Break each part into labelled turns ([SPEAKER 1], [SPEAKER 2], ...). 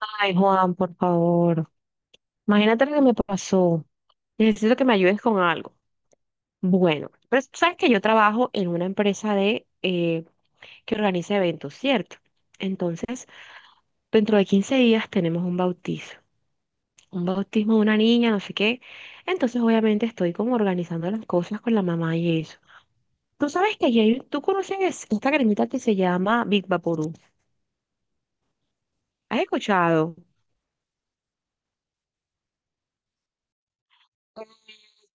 [SPEAKER 1] Ay, Juan, por favor. Imagínate lo que me pasó. Necesito que me ayudes con algo. Bueno, pero tú sabes que yo trabajo en una empresa de que organiza eventos, ¿cierto? Entonces, dentro de 15 días tenemos un bautizo. Un bautismo de una niña, no sé qué. Entonces, obviamente, estoy como organizando las cosas con la mamá y eso. Tú sabes que tú conoces esta cremita que se llama Big Vaporú. ¿Has escuchado? Ah,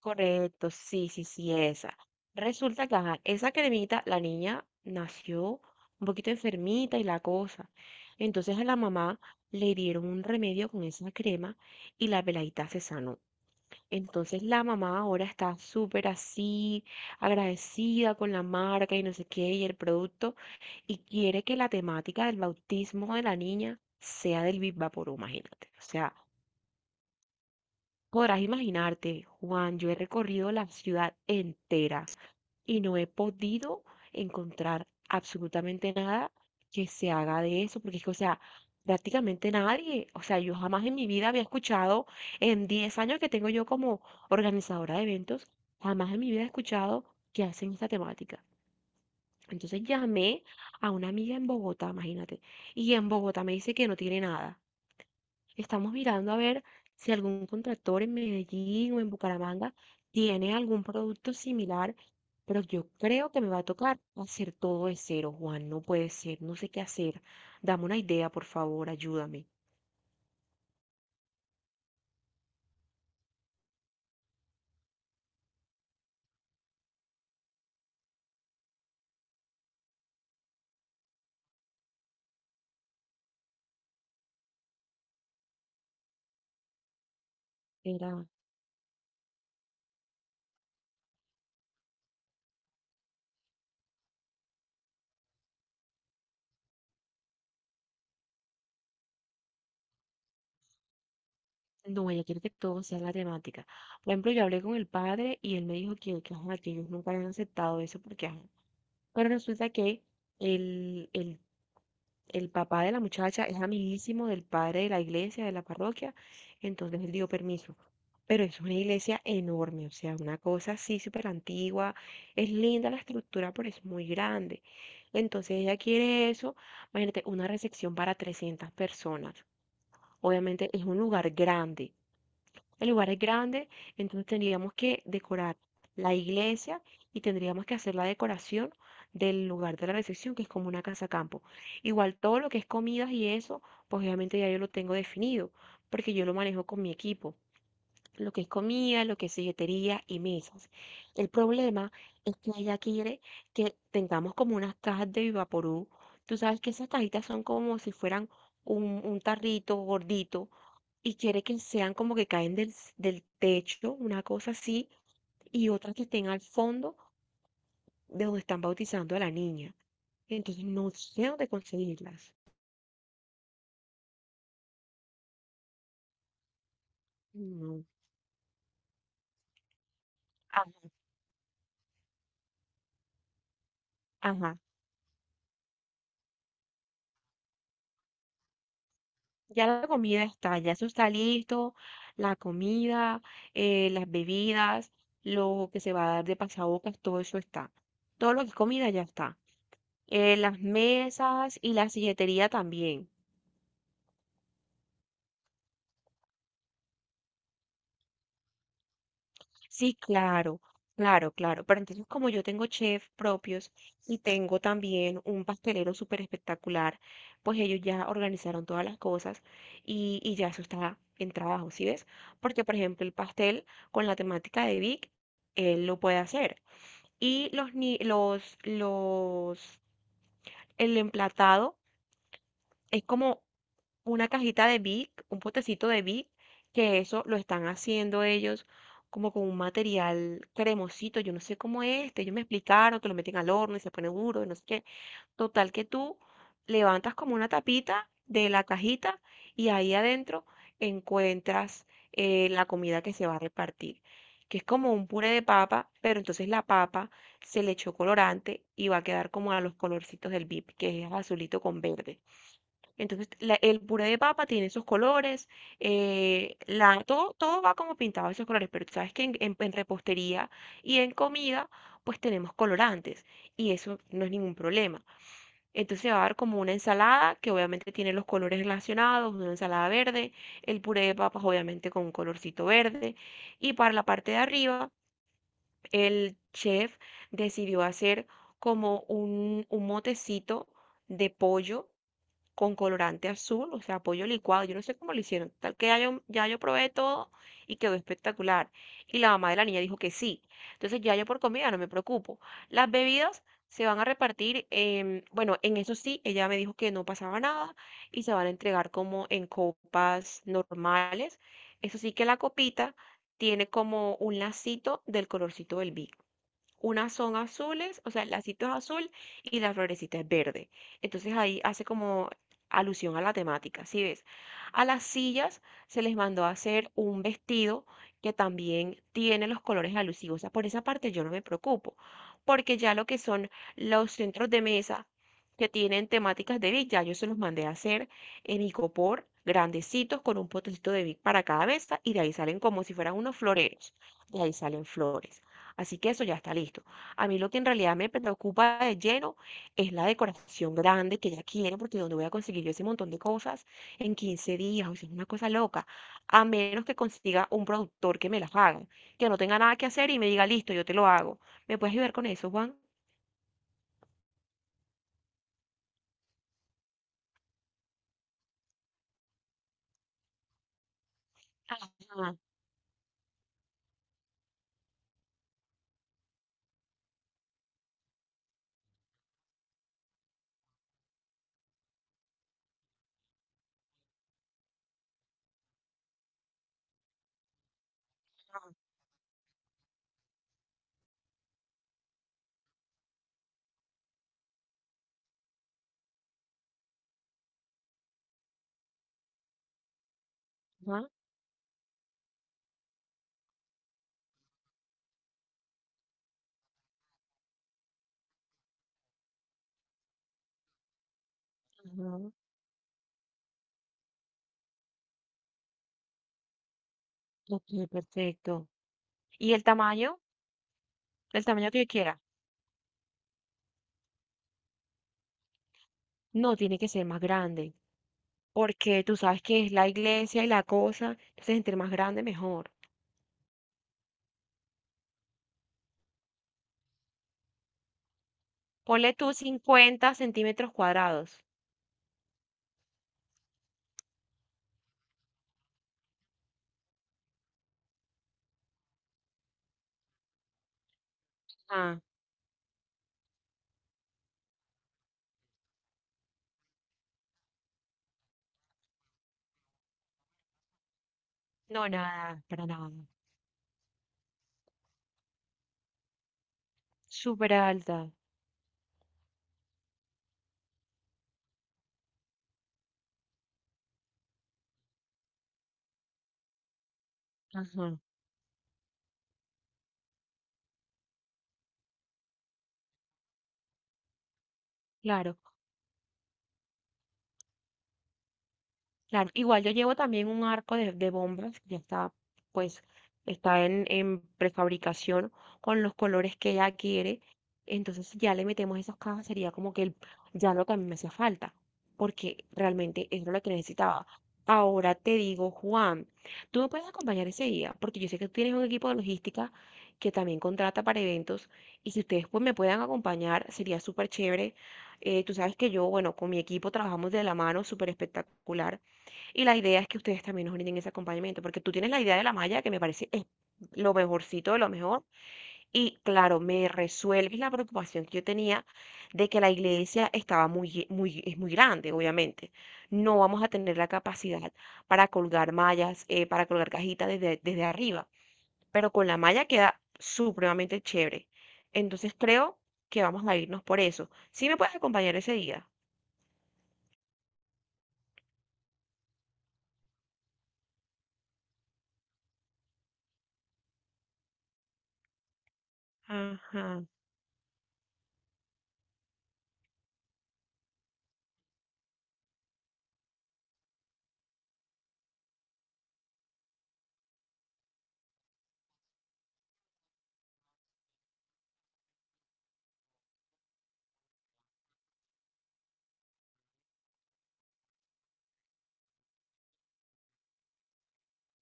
[SPEAKER 1] correcto, sí, sí, sí, esa. Resulta que esa cremita, la niña nació un poquito enfermita y la cosa. Entonces a la mamá le dieron un remedio con esa crema y la peladita se sanó. Entonces la mamá ahora está súper así, agradecida con la marca y no sé qué y el producto y quiere que la temática del bautismo de la niña sea del Viva Vaporú, imagínate. O sea, podrás imaginarte, Juan, yo he recorrido la ciudad entera y no he podido encontrar absolutamente nada que se haga de eso, porque es que, o sea, prácticamente nadie, o sea, yo jamás en mi vida había escuchado, en 10 años que tengo yo como organizadora de eventos, jamás en mi vida he escuchado que hacen esta temática. Entonces llamé a una amiga en Bogotá, imagínate, y en Bogotá me dice que no tiene nada. Estamos mirando a ver si algún contractor en Medellín o en Bucaramanga tiene algún producto similar, pero yo creo que me va a tocar hacer todo de cero, Juan. No puede ser, no sé qué hacer. Dame una idea, por favor, ayúdame. Era, no, ella quiere que todo sea la temática. Por ejemplo, yo hablé con el padre y él me dijo que que ellos nunca habían aceptado eso porque ajá, pero resulta que el, el, el papá de la muchacha es amiguísimo del padre de la iglesia, de la parroquia, entonces él dio permiso. Pero es una iglesia enorme, o sea, una cosa así súper antigua, es linda la estructura, pero es muy grande. Entonces ella quiere eso, imagínate, una recepción para 300 personas. Obviamente es un lugar grande. El lugar es grande, entonces tendríamos que decorar la iglesia y tendríamos que hacer la decoración del lugar de la recepción, que es como una casa campo. Igual todo lo que es comidas y eso, pues obviamente ya yo lo tengo definido, porque yo lo manejo con mi equipo lo que es comida, lo que es silletería y mesas. El problema es que ella quiere que tengamos como unas cajas de Vaporú. Tú sabes que esas cajitas son como si fueran un tarrito gordito y quiere que sean como que caen del techo, una cosa así, y otras que estén al fondo de donde están bautizando a la niña. Entonces no sé dónde conseguirlas. No. Ah. Ajá. Ya la comida está, ya eso está listo, la comida, las bebidas, lo que se va a dar de pasabocas, todo eso está. Todo lo que es comida ya está. Las mesas y la silletería también. Sí, claro, claro, claro. Pero entonces, como yo tengo chefs propios y tengo también un pastelero súper espectacular, pues ellos ya organizaron todas las cosas y ya eso está en trabajo, ¿sí ves? Porque, por ejemplo, el pastel con la temática de Vic, él lo puede hacer. Y los, ni- los, el emplatado es como una cajita de Vic, un potecito de Vic, que eso lo están haciendo ellos como con un material cremosito, yo no sé cómo es este, ellos me explicaron que lo meten al horno y se pone duro, y no sé qué. Total que tú levantas como una tapita de la cajita y ahí adentro encuentras la comida que se va a repartir, que es como un puré de papa, pero entonces la papa se le echó colorante y va a quedar como a los colorcitos del Vic, que es azulito con verde. Entonces, el puré de papa tiene esos colores, todo, todo va como pintado de esos colores, pero tú sabes que en repostería y en comida, pues tenemos colorantes y eso no es ningún problema. Entonces se va a dar como una ensalada que obviamente tiene los colores relacionados, una ensalada verde, el puré de papas obviamente con un colorcito verde y para la parte de arriba, el chef decidió hacer como un motecito de pollo con colorante azul, o sea, pollo licuado. Yo no sé cómo lo hicieron. Tal que ya yo probé todo y quedó espectacular. Y la mamá de la niña dijo que sí. Entonces ya yo por comida no me preocupo. Las bebidas se van a repartir, bueno, en eso sí, ella me dijo que no pasaba nada y se van a entregar como en copas normales. Eso sí que la copita tiene como un lacito del colorcito del vino. Unas son azules, o sea, el lacito es azul y la florecita es verde. Entonces ahí hace como alusión a la temática, ¿sí ves? A las sillas se les mandó a hacer un vestido que también tiene los colores alusivos. O sea, por esa parte yo no me preocupo, porque ya lo que son los centros de mesa que tienen temáticas de Vic, ya yo se los mandé a hacer en icopor, grandecitos, con un potecito de Vic para cada mesa, y de ahí salen como si fueran unos floreros, de ahí salen flores. Así que eso ya está listo. A mí lo que en realidad me preocupa de lleno es la decoración grande que ya quiero, porque ¿dónde voy a conseguir yo ese montón de cosas en 15 días? O sea, es una cosa loca. A menos que consiga un productor que me las haga, que no tenga nada que hacer y me diga, listo, yo te lo hago. ¿Me puedes ayudar con eso, Juan? Ajá, ajá, ajá. Ok, perfecto. ¿Y el tamaño? El tamaño que yo quiera. No tiene que ser más grande, porque tú sabes que es la iglesia y la cosa, entonces entre más grande mejor. Ponle tú 50 centímetros cuadrados. Ah. No, nada, para nada. Súper alta. Ajá, claro. Claro, igual yo llevo también un arco de bombas, ya está, pues, está en prefabricación con los colores que ella quiere. Entonces, si ya le metemos esas cajas, sería como que ya lo que a mí me hacía falta, porque realmente eso es lo que necesitaba. Ahora te digo, Juan, tú me puedes acompañar ese día, porque yo sé que tú tienes un equipo de logística que también contrata para eventos, y si ustedes pues me puedan acompañar, sería súper chévere. Tú sabes que yo, bueno, con mi equipo trabajamos de la mano, súper espectacular. Y la idea es que ustedes también nos brinden ese acompañamiento, porque tú tienes la idea de la malla que me parece es lo mejorcito de lo mejor. Y claro, me resuelves la preocupación que yo tenía de que la iglesia estaba muy, es muy grande, obviamente. No vamos a tener la capacidad para colgar mallas, para colgar cajitas desde arriba, pero con la malla queda supremamente chévere. Entonces creo que vamos a irnos por eso. ¿Sí me puedes acompañar ese día? Ajá.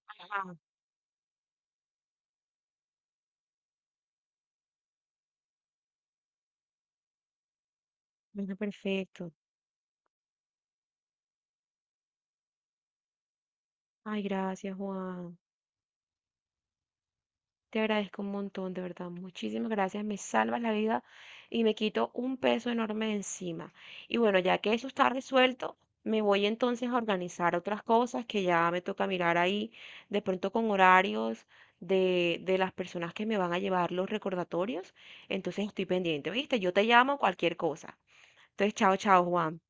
[SPEAKER 1] Ajá. Bueno, perfecto. Ay, gracias, Juan. Te agradezco un montón, de verdad. Muchísimas gracias. Me salvas la vida y me quito un peso enorme de encima. Y bueno, ya que eso está resuelto, me voy entonces a organizar otras cosas que ya me toca mirar ahí, de pronto con horarios de las personas que me van a llevar los recordatorios. Entonces estoy pendiente, ¿viste? Yo te llamo cualquier cosa. Entonces, chao, chao, Juan.